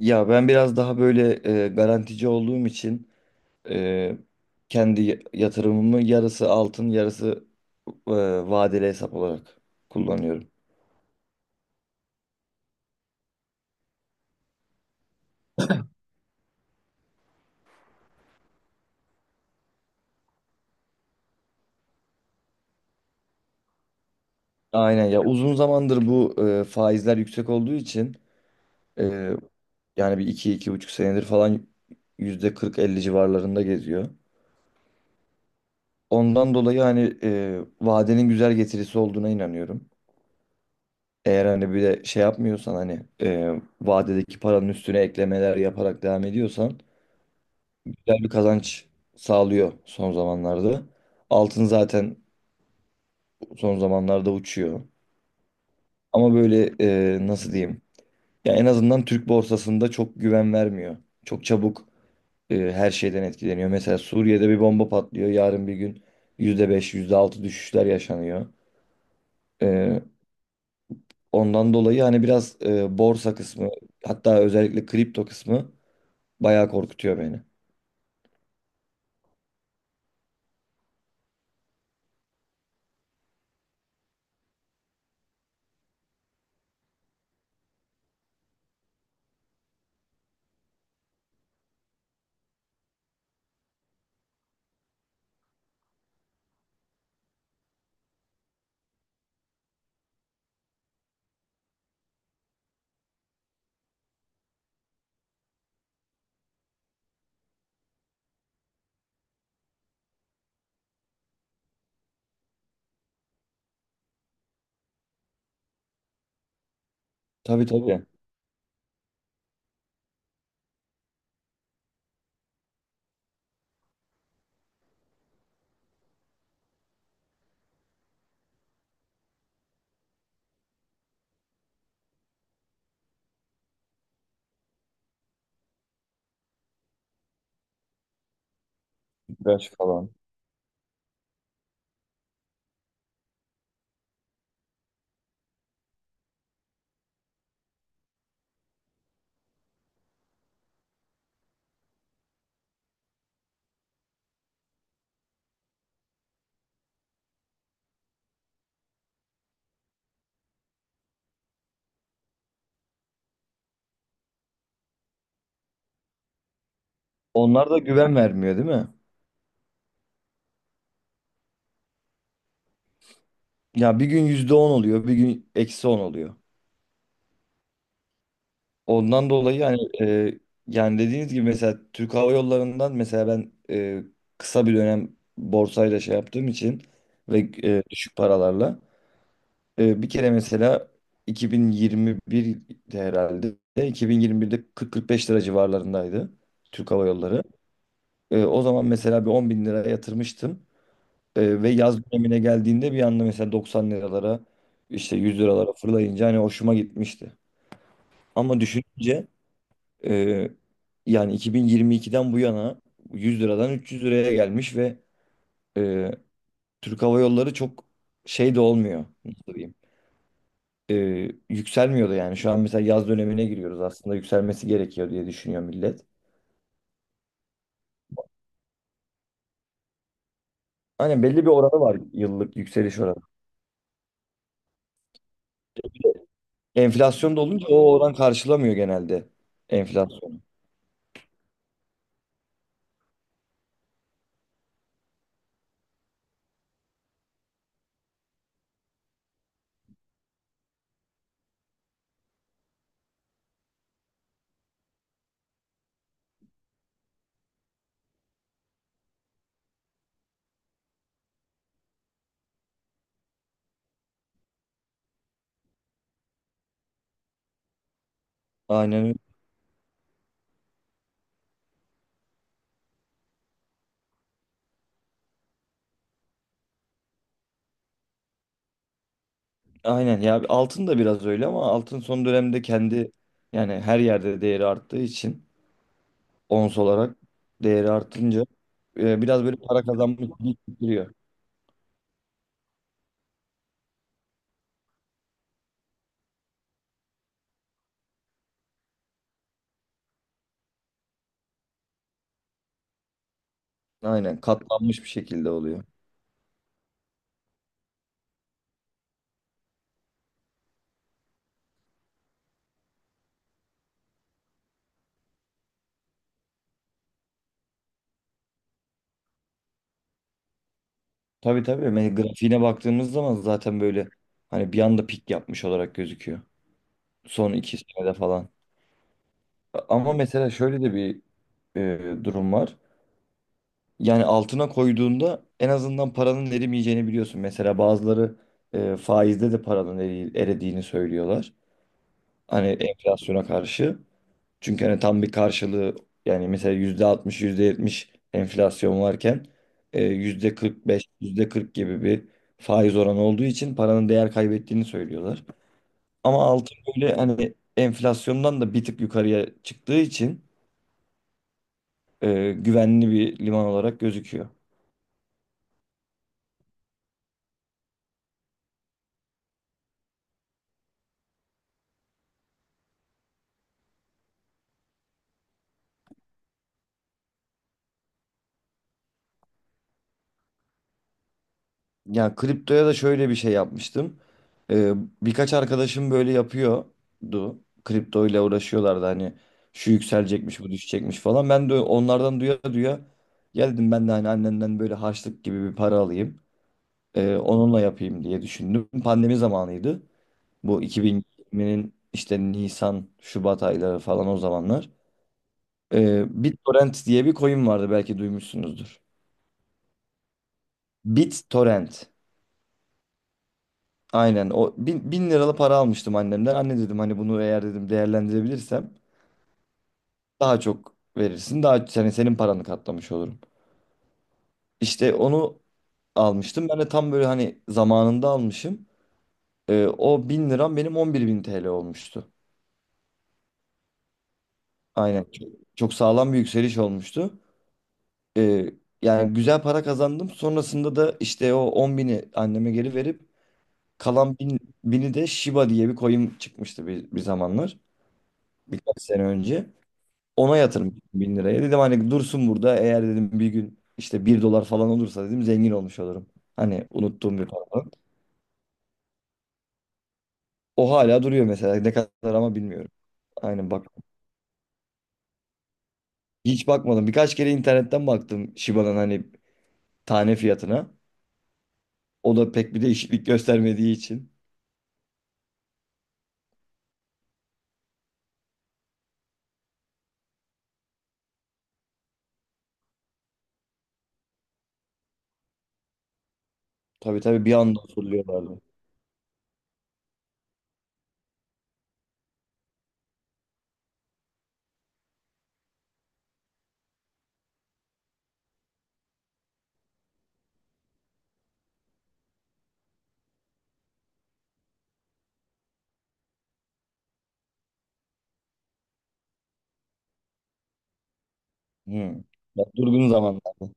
Ya ben biraz daha böyle garantici olduğum için e, kendi yatırımımı yarısı altın yarısı e, vadeli hesap olarak kullanıyorum. Aynen ya uzun zamandır bu faizler yüksek olduğu için e, yani bir iki iki buçuk senedir falan yüzde kırk elli civarlarında geziyor. Ondan dolayı hani vadenin güzel getirisi olduğuna inanıyorum. Eğer hani bir de şey yapmıyorsan hani vadedeki paranın üstüne eklemeler yaparak devam ediyorsan güzel bir kazanç sağlıyor son zamanlarda. Altın zaten son zamanlarda uçuyor. Ama böyle nasıl diyeyim? Ya en azından Türk borsasında çok güven vermiyor. Çok çabuk her şeyden etkileniyor. Mesela Suriye'de bir bomba patlıyor. Yarın bir gün yüzde beş yüzde altı düşüşler yaşanıyor. E, ondan dolayı hani biraz borsa kısmı hatta özellikle kripto kısmı bayağı korkutuyor beni. Tabii tabii. Güneş falan. Onlar da güven vermiyor değil mi? Ya bir gün yüzde on oluyor, bir gün eksi on oluyor. Ondan dolayı hani yani dediğiniz gibi mesela Türk Hava Yolları'ndan mesela ben kısa bir dönem borsayla şey yaptığım için ve düşük paralarla. Bir kere mesela 2021'de herhalde 2021'de 40-45 lira civarlarındaydı Türk Hava Yolları. O zaman mesela bir 10 bin lira yatırmıştım. Ve yaz dönemine geldiğinde bir anda mesela 90 liralara işte 100 liralara fırlayınca hani hoşuma gitmişti. Ama düşününce e, yani 2022'den bu yana 100 liradan 300 liraya gelmiş ve e, Türk Hava Yolları çok şey de olmuyor. Nasıl diyeyim? e, Yükselmiyordu yani. Şu an mesela yaz dönemine giriyoruz. Aslında yükselmesi gerekiyor diye düşünüyor millet. Hani belli bir oranı var, yıllık yükseliş oranı. Enflasyon da olunca o oran karşılamıyor genelde enflasyonu. Aynen öyle. Aynen ya altın da biraz öyle, ama altın son dönemde kendi yani her yerde değeri arttığı için, ons olarak değeri artınca biraz böyle para kazanmış gibi giriyor. Aynen katlanmış bir şekilde oluyor. Tabii tabii. Grafiğine baktığımız zaman zaten böyle hani bir anda pik yapmış olarak gözüküyor. Son iki senede falan. Ama mesela şöyle de bir durum var. Yani altına koyduğunda en azından paranın erimeyeceğini biliyorsun. Mesela bazıları faizde de paranın erediğini söylüyorlar. Hani enflasyona karşı. Çünkü hani tam bir karşılığı yani mesela yüzde altmış yüzde yetmiş enflasyon varken yüzde kırk beş yüzde kırk gibi bir faiz oranı olduğu için paranın değer kaybettiğini söylüyorlar. Ama altın böyle hani enflasyondan da bir tık yukarıya çıktığı için güvenli bir liman olarak gözüküyor. Yani kriptoya da şöyle bir şey yapmıştım. Ee, birkaç arkadaşım böyle yapıyordu. Kripto ile uğraşıyorlardı hani şu yükselecekmiş bu düşecekmiş falan. Ben de onlardan duya duya geldim, ben de hani annemden böyle harçlık gibi bir para alayım. Onunla yapayım diye düşündüm. Pandemi zamanıydı. Bu 2020'nin işte Nisan, Şubat ayları falan o zamanlar. BitTorrent diye bir coin vardı, belki duymuşsunuzdur. BitTorrent. Aynen, o bin liralı para almıştım annemden. Anne dedim hani, bunu eğer dedim değerlendirebilirsem daha çok verirsin. Daha senin paranı katlamış olurum. İşte onu almıştım. Ben de tam böyle hani zamanında almışım. O bin liram benim 11 bin TL olmuştu. Aynen çok sağlam bir yükseliş olmuştu. Ee, yani güzel para kazandım. Sonrasında da işte o 10 bini anneme geri verip kalan bini de Shiba diye bir coin çıkmıştı bir zamanlar. Birkaç sene önce. Ona yatırım ettim bin liraya. Dedim hani dursun burada. Eğer dedim bir gün işte bir dolar falan olursa dedim zengin olmuş olurum. Hani unuttuğum bir para. O hala duruyor mesela. Ne kadar ama bilmiyorum. Aynen bak. Hiç bakmadım. Birkaç kere internetten baktım Shiba'nın hani tane fiyatına. O da pek bir değişiklik göstermediği için. Tabii tabii, bir anda fırlıyorlardı. Hmm. Ya durgun zamanlarda.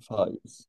Faiz.